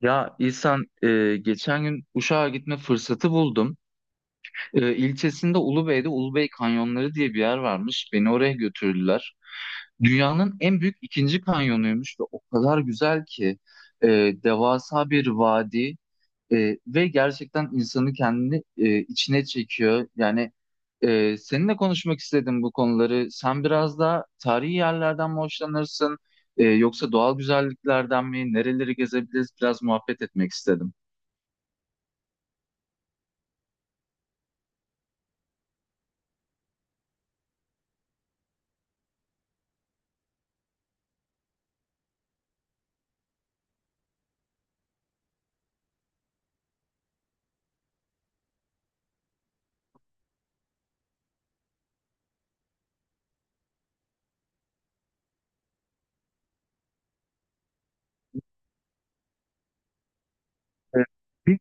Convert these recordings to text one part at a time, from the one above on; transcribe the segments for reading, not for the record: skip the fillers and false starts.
Ya İhsan, geçen gün Uşak'a gitme fırsatı buldum. İlçesinde Ulubey'de Ulubey Kanyonları diye bir yer varmış. Beni oraya götürdüler. Dünyanın en büyük ikinci kanyonuymuş ve o kadar güzel ki. E, Devasa bir vadi. Ve gerçekten insanı kendini içine çekiyor. Yani seninle konuşmak istedim bu konuları. Sen biraz daha tarihi yerlerden mi hoşlanırsın, yoksa doğal güzelliklerden mi? Nereleri gezebiliriz? Biraz muhabbet etmek istedim. E,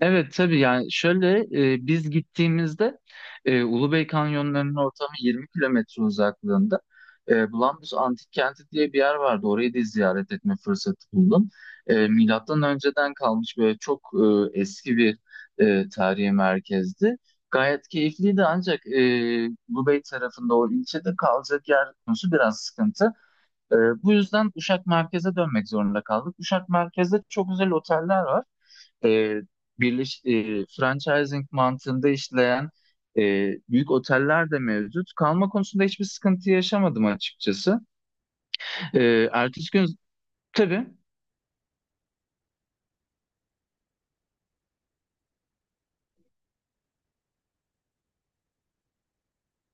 Evet, tabii. Yani şöyle, biz gittiğimizde Ulubey Kanyonları'nın ortamı 20 kilometre uzaklığında. Bulambuz Antik Kenti diye bir yer vardı. Orayı da ziyaret etme fırsatı buldum. Milattan önceden kalmış böyle çok eski bir tarihi merkezdi. Gayet keyifliydi, ancak Ulubey tarafında o ilçede kalacak yer konusu biraz sıkıntı. Bu yüzden Uşak merkeze dönmek zorunda kaldık. Uşak merkezde çok güzel oteller var, e, franchising mantığında işleyen e, büyük oteller de mevcut. Kalma konusunda hiçbir sıkıntı yaşamadım açıkçası. Ertesi gün tabii,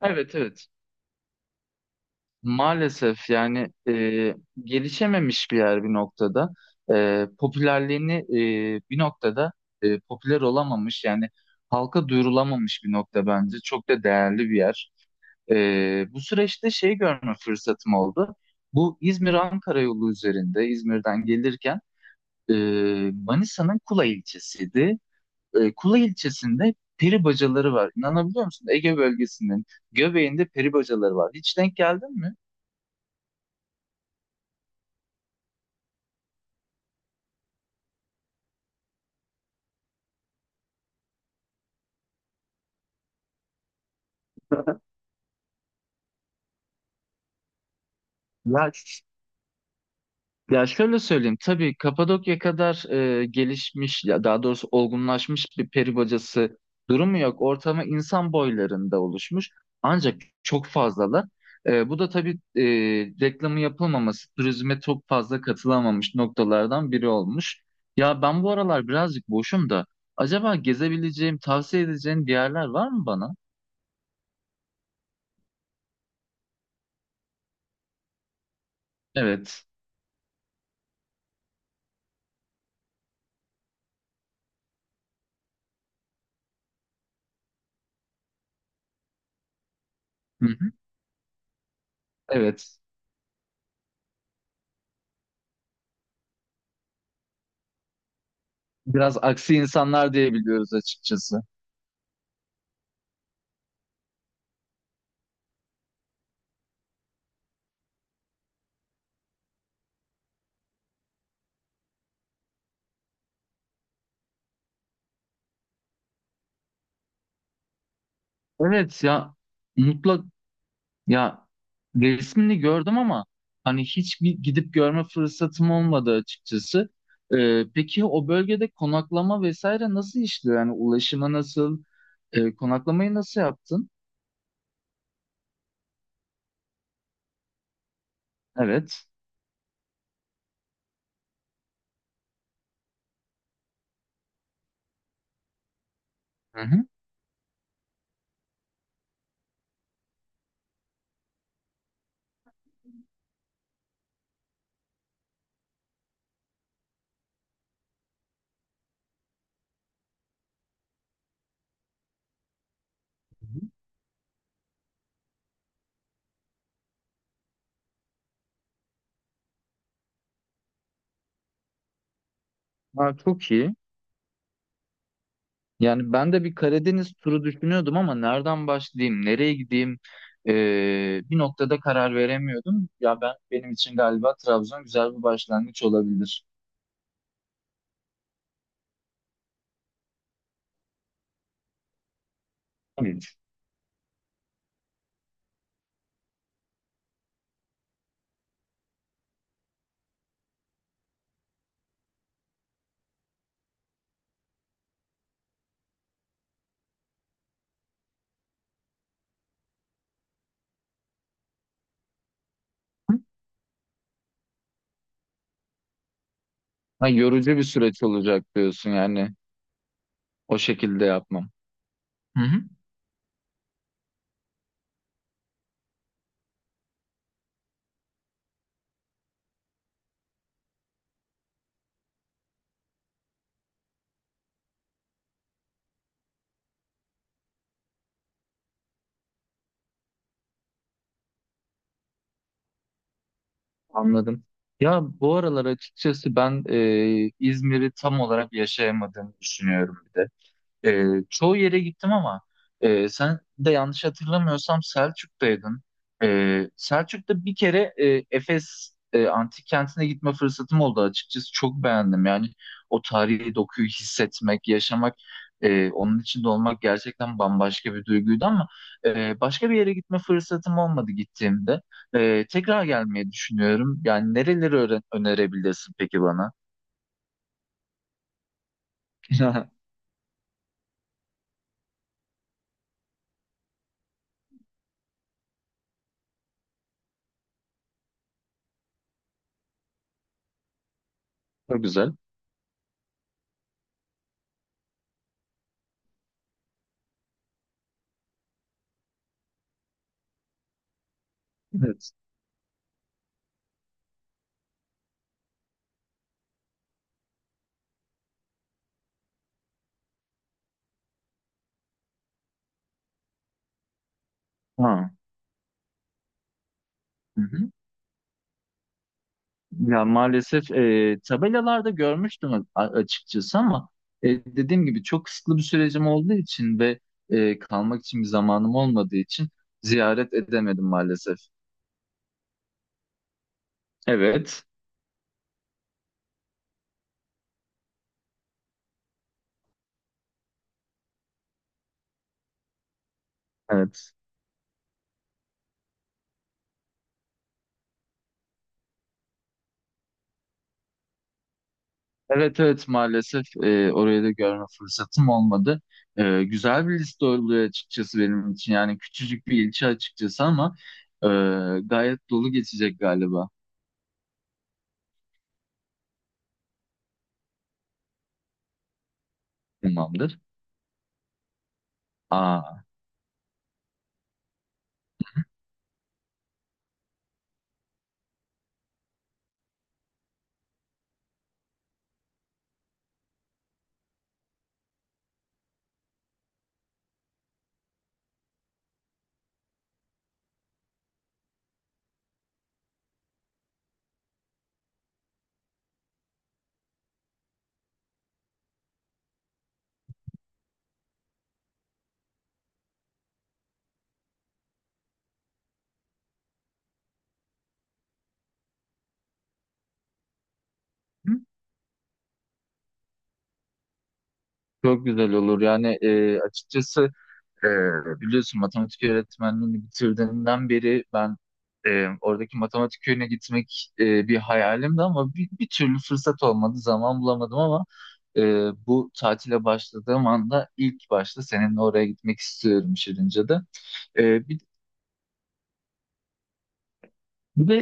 evet, evet. Maalesef yani, gelişememiş bir yer bir noktada. Popülerliğini bir noktada popüler olamamış, yani halka duyurulamamış bir nokta bence. Çok da değerli bir yer. Bu süreçte şey görme fırsatım oldu. Bu İzmir-Ankara yolu üzerinde İzmir'den gelirken e, Manisa'nın Kula ilçesiydi. Kula ilçesinde peri bacaları var. İnanabiliyor musun? Ege bölgesinin göbeğinde peri bacaları var. Hiç denk geldin mi? Ya Ya şöyle söyleyeyim, tabii Kapadokya kadar gelişmiş ya daha doğrusu olgunlaşmış bir peri bacası durumu yok. Ortamı insan boylarında oluşmuş. Ancak çok fazlalar. Bu da tabii e, reklamı yapılmaması, turizme çok fazla katılamamış noktalardan biri olmuş. Ya ben bu aralar birazcık boşum da acaba gezebileceğim, tavsiye edeceğin bir yerler var mı bana? Evet. Hı hı. Evet. Biraz aksi insanlar diyebiliyoruz açıkçası. Evet ya, mutlak. Ya, resmini gördüm ama hani hiç bir gidip görme fırsatım olmadı açıkçası. Peki o bölgede konaklama vesaire nasıl işliyor? Yani ulaşımı nasıl, konaklamayı nasıl yaptın? Evet. Hı hı. Ha, çok iyi. Yani ben de bir Karadeniz turu düşünüyordum ama nereden başlayayım, nereye gideyim bir noktada karar veremiyordum. Ya ben, benim için galiba Trabzon güzel bir başlangıç olabilir. Evet. Ha, yorucu bir süreç olacak diyorsun yani. O şekilde yapmam. Hı hı. Anladım. Ya bu aralar açıkçası ben İzmir'i tam olarak yaşayamadığımı düşünüyorum. Çoğu yere gittim ama sen de yanlış hatırlamıyorsam Selçuk'taydın. Selçuk'ta bir kere Efes antik kentine gitme fırsatım oldu açıkçası. Çok beğendim yani o tarihi dokuyu hissetmek, yaşamak, onun içinde olmak gerçekten bambaşka bir duyguydu ama başka bir yere gitme fırsatım olmadı gittiğimde. Tekrar gelmeyi düşünüyorum. Yani nereleri önerebilirsin peki bana? Çok güzel. Evet. Ha. Ya maalesef tabelalarda görmüştüm açıkçası ama dediğim gibi çok kısıtlı bir sürecim olduğu için ve kalmak için bir zamanım olmadığı için ziyaret edemedim maalesef. Evet, evet. Evet, evet maalesef, orayı da görme fırsatım olmadı. Güzel bir liste oluyor açıkçası benim için. Yani küçücük bir ilçe açıkçası ama e, gayet dolu geçecek galiba. Tamamdır. Aa, hı, çok güzel olur. Yani açıkçası biliyorsun matematik öğretmenliğini bitirdiğimden beri ben oradaki matematik köyüne gitmek bir hayalimdi ama bir türlü fırsat olmadı, zaman bulamadım ama e, bu tatile başladığım anda ilk başta seninle oraya gitmek istiyorum Şirince'de. E, bir, bir de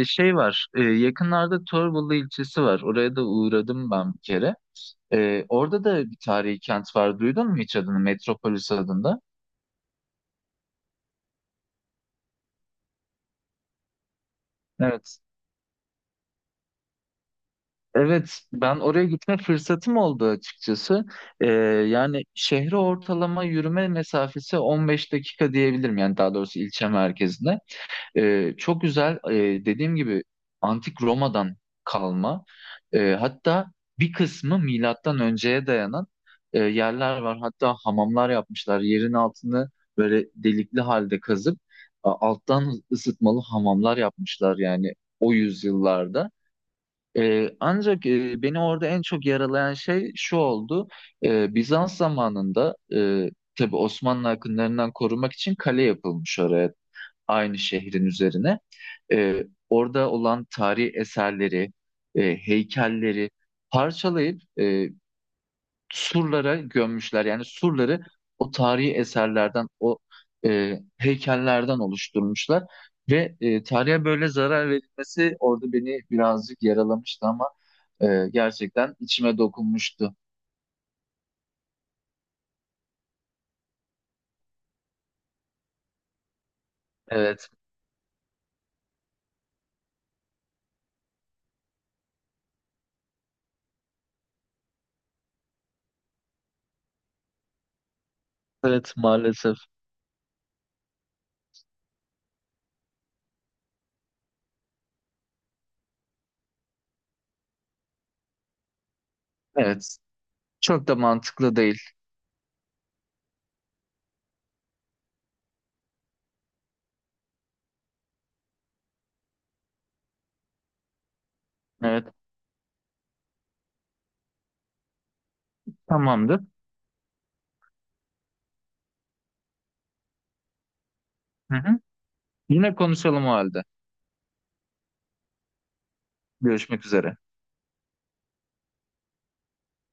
şey var, yakınlarda Torbalı ilçesi var. Oraya da uğradım ben bir kere. Orada da bir tarihi kent var. Duydun mu hiç adını? Metropolis adında. Evet. Evet, ben oraya gitme fırsatım oldu açıkçası. Ee, Yani şehre ortalama yürüme mesafesi 15 dakika diyebilirim. Yani daha doğrusu ilçe merkezine. Çok güzel, dediğim gibi antik Roma'dan kalma. Hatta bir kısmı milattan önceye dayanan yerler var. Hatta hamamlar yapmışlar. Yerin altını böyle delikli halde kazıp alttan ısıtmalı hamamlar yapmışlar yani o yüzyıllarda. Ancak beni orada en çok yaralayan şey şu oldu. Bizans zamanında tabii Osmanlı akınlarından korumak için kale yapılmış oraya, aynı şehrin üzerine. Orada olan tarihi eserleri, heykelleri parçalayıp surlara gömmüşler. Yani surları o tarihi eserlerden, o heykellerden oluşturmuşlar. Ve tarihe böyle zarar verilmesi orada beni birazcık yaralamıştı ama gerçekten içime dokunmuştu. Evet, evet maalesef. Evet, çok da mantıklı değil. Evet, tamamdır. Hı hı. Yine konuşalım o halde. Görüşmek üzere.